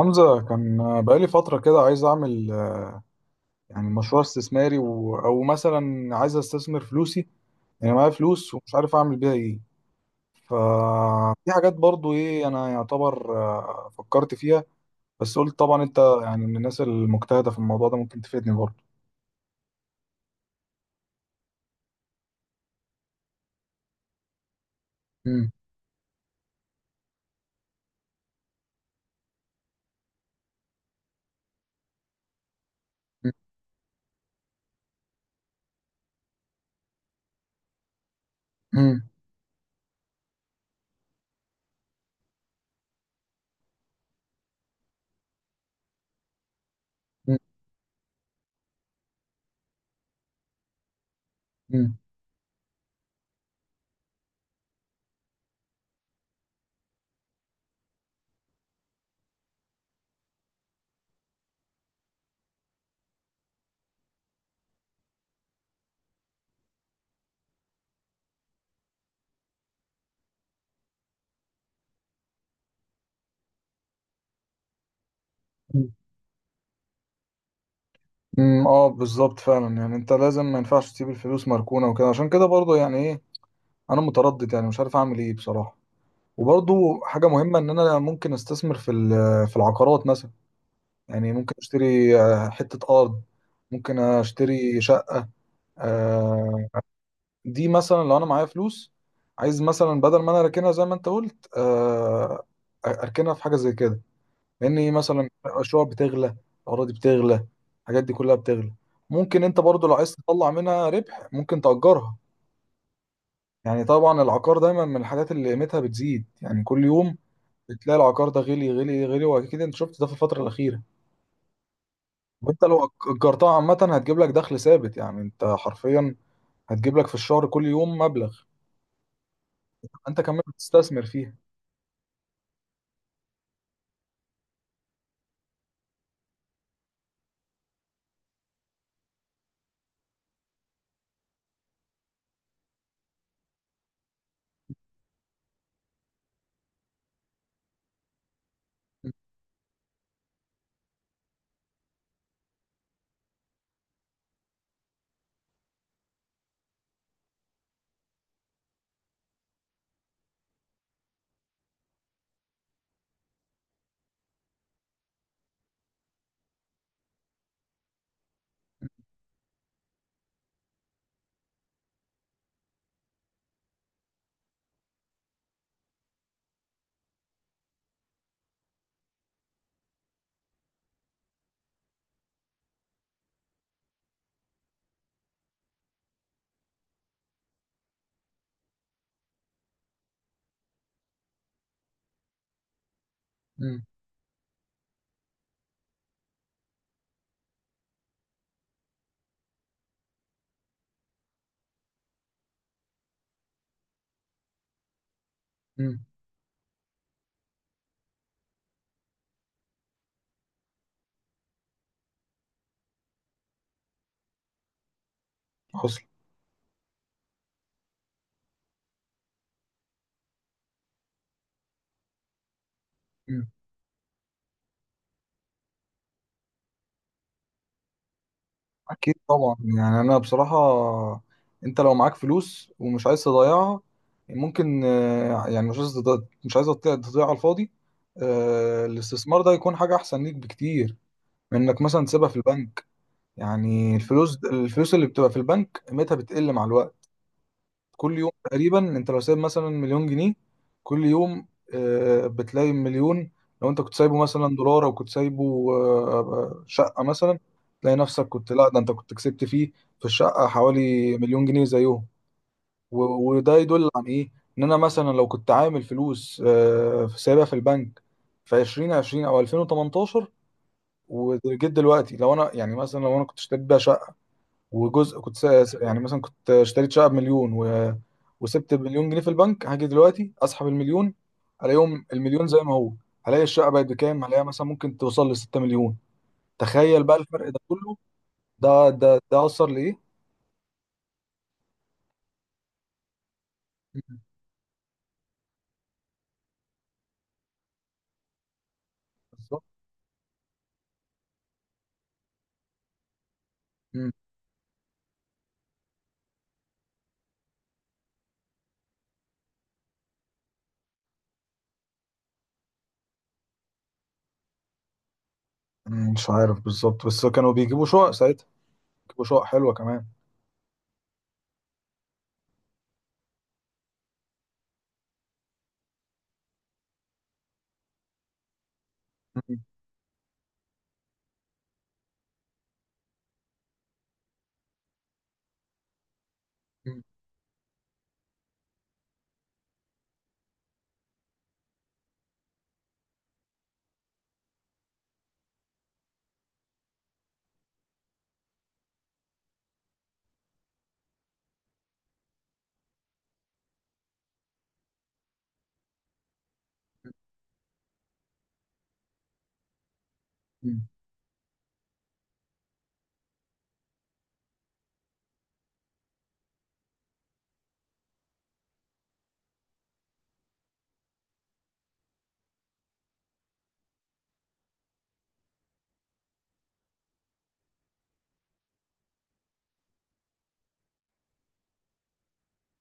حمزة كان بقالي فترة كده عايز أعمل يعني مشروع استثماري و أو مثلا عايز أستثمر فلوسي. يعني معايا فلوس ومش عارف أعمل بيها إيه. ففي حاجات برضو إيه أنا يعتبر، فكرت فيها. بس قلت طبعا أنت يعني من الناس المجتهدة في الموضوع ده ممكن تفيدني برضو. مم. مم. مم. مم. مم. مم. اه، بالظبط فعلا يعني انت لازم ما ينفعش تسيب الفلوس مركونة وكده. عشان كده برضو يعني ايه، انا متردد يعني مش عارف اعمل ايه بصراحة. وبرضو حاجة مهمة إن أنا ممكن أستثمر في العقارات مثلا. يعني ممكن أشتري، حتة أرض. ممكن أشتري شقة آه، دي مثلا لو أنا معايا فلوس، عايز مثلا بدل ما أنا أركنها زي ما أنت قلت، أركنها في حاجة زي كده. لأن إيه مثلا، الشقق بتغلى، الأراضي بتغلى، الحاجات دي كلها بتغلى. ممكن أنت برضو لو عايز تطلع منها ربح ممكن تأجرها. يعني طبعا العقار دايما من الحاجات اللي قيمتها بتزيد يعني كل يوم. بتلاقي العقار ده غلي غلي غلي، واكيد انت شفت ده في الفتره الاخيره. وانت لو اجرتها عامه هتجيب لك دخل ثابت، يعني انت حرفيا هتجيب لك في الشهر كل يوم مبلغ. انت كمان بتستثمر فيها. م- م- م. حصل. م. اكيد طبعا يعني انا بصراحه، انت لو معاك فلوس ومش عايز تضيعها، ممكن، يعني مش مش عايز تضيع على الفاضي. الاستثمار ده يكون حاجه احسن ليك بكتير من انك مثلا تسيبها في البنك. يعني الفلوس اللي بتبقى في البنك قيمتها بتقل مع الوقت. كل يوم تقريبا انت لو سايب مثلا مليون جنيه، كل يوم بتلاقي مليون. لو انت كنت سايبه مثلا دولار، او كنت سايبه شقة مثلا، تلاقي نفسك كنت، لا ده انت كنت كسبت فيه في الشقة حوالي مليون جنيه زيهم. وده يدل عن ايه؟ ان انا مثلا لو كنت عامل فلوس، في سايبها في البنك في 2020 او 2018، وجيت دلوقتي لو انا يعني مثلا لو انا كنت اشتريت بيها شقة، وجزء كنت يعني مثلا كنت اشتريت شقه بمليون و، وسبت مليون جنيه في البنك، هاجي دلوقتي اسحب المليون الاقيهم المليون زي ما هو. هلاقي الشقه بقت بكام، هلاقيها مثلا ممكن توصل ل 6 مليون. تخيل بقى الفرق ده كله. ده ده اثر لايه. مم. بالظبط. مم. مم. مش عارف بالظبط بس كانوا بيجيبوا شقق ساعتها، بيجيبوا شقق حلوه كمان. مم. مم. مم.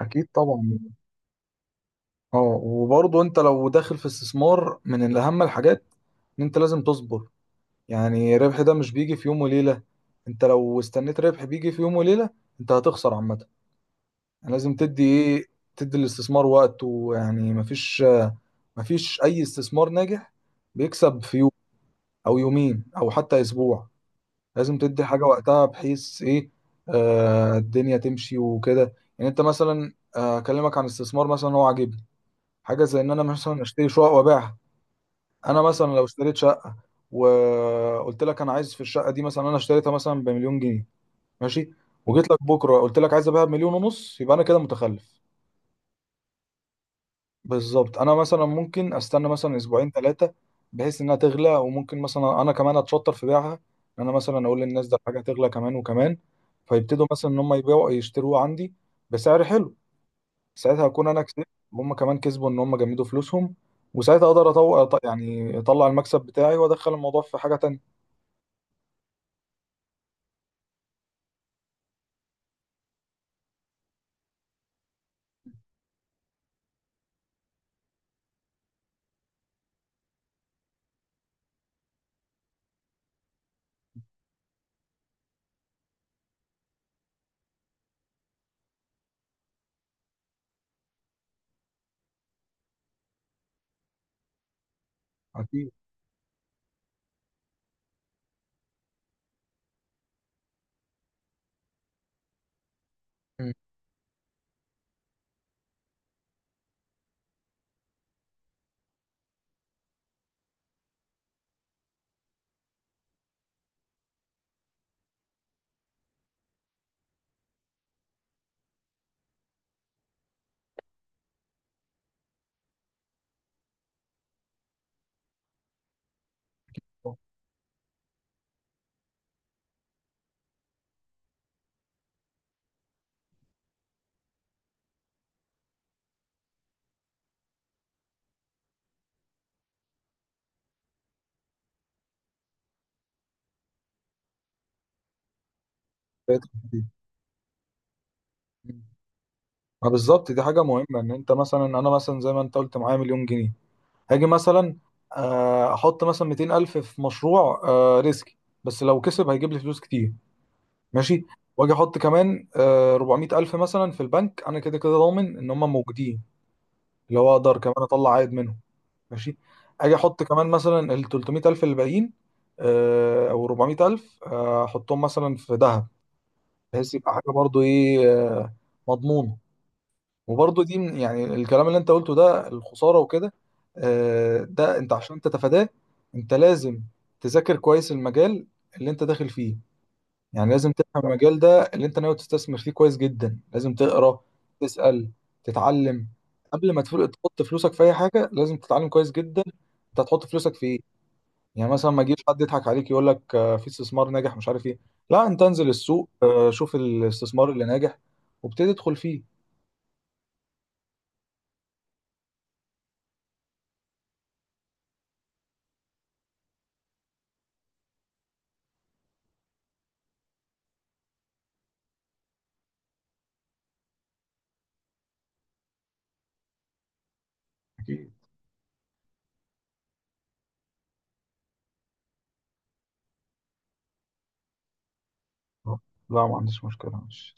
اكيد طبعا. اه، وبرضه انت لو داخل في استثمار من الاهم الحاجات ان انت لازم تصبر. يعني ربح ده مش بيجي في يوم وليلة، انت لو استنيت ربح بيجي في يوم وليلة انت هتخسر عامة. يعني لازم تدي ايه، تدي الاستثمار وقت. ويعني مفيش اي استثمار ناجح بيكسب في يوم او يومين او حتى اسبوع. لازم تدي حاجة وقتها بحيث ايه، الدنيا تمشي وكده. يعني انت مثلا، اكلمك عن استثمار مثلا هو عاجبني، حاجة زي ان انا مثلا اشتري شقق وابيعها. انا مثلا لو اشتريت شقه، وقلت لك انا عايز في الشقه دي مثلا انا اشتريتها مثلا بمليون جنيه ماشي، وجيت لك بكره قلت لك عايز ابيعها بمليون ونص، يبقى انا كده متخلف. بالظبط، انا مثلا ممكن استنى مثلا اسبوعين ثلاثه بحيث انها تغلى، وممكن مثلا انا كمان اتشطر في بيعها. إن انا مثلا اقول للناس ده الحاجه هتغلى كمان وكمان، فيبتدوا مثلا ان هم يبيعوا يشتروها عندي بسعر حلو. ساعتها اكون انا كسبت وهم كمان كسبوا ان هم جمدوا فلوسهم، وساعتها اقدر اطلع يعني اطلع المكسب بتاعي وادخل الموضوع في حاجه تانية. اكيد. مم. بقيت كتير. مم. ما بالظبط، دي حاجه مهمه. ان انت مثلا، انا مثلا زي ما انت قلت معايا مليون جنيه، هاجي مثلا احط مثلا 200 الف في مشروع، ريسكي، بس لو كسب هيجيب لي فلوس كتير، ماشي. واجي احط كمان 400 الف مثلا في البنك، انا كده كده ضامن ان هم موجودين، اللي هو اقدر كمان اطلع عائد منهم، ماشي. اجي احط كمان مثلا ال 300 الف اللي باقيين، او 400 الف، احطهم مثلا في ذهب بحيث يبقى حاجه برضو ايه، مضمونه. وبرضه دي يعني الكلام اللي انت قلته ده الخسارة وكده، ده انت عشان تتفاداه انت لازم تذاكر كويس المجال اللي انت داخل فيه. يعني لازم تفهم المجال ده اللي انت ناوي تستثمر فيه كويس جدا، لازم تقرا، تسأل، تتعلم قبل ما تحط فلوسك في اي حاجة. لازم تتعلم كويس جدا انت هتحط فلوسك في ايه. يعني مثلا ما يجيش حد يضحك عليك يقول لك في استثمار ناجح مش عارف ايه، لا انت انزل السوق شوف الاستثمار اللي ناجح وابتدي ادخل فيه. لا ما عنديش مشكلة، ماشي.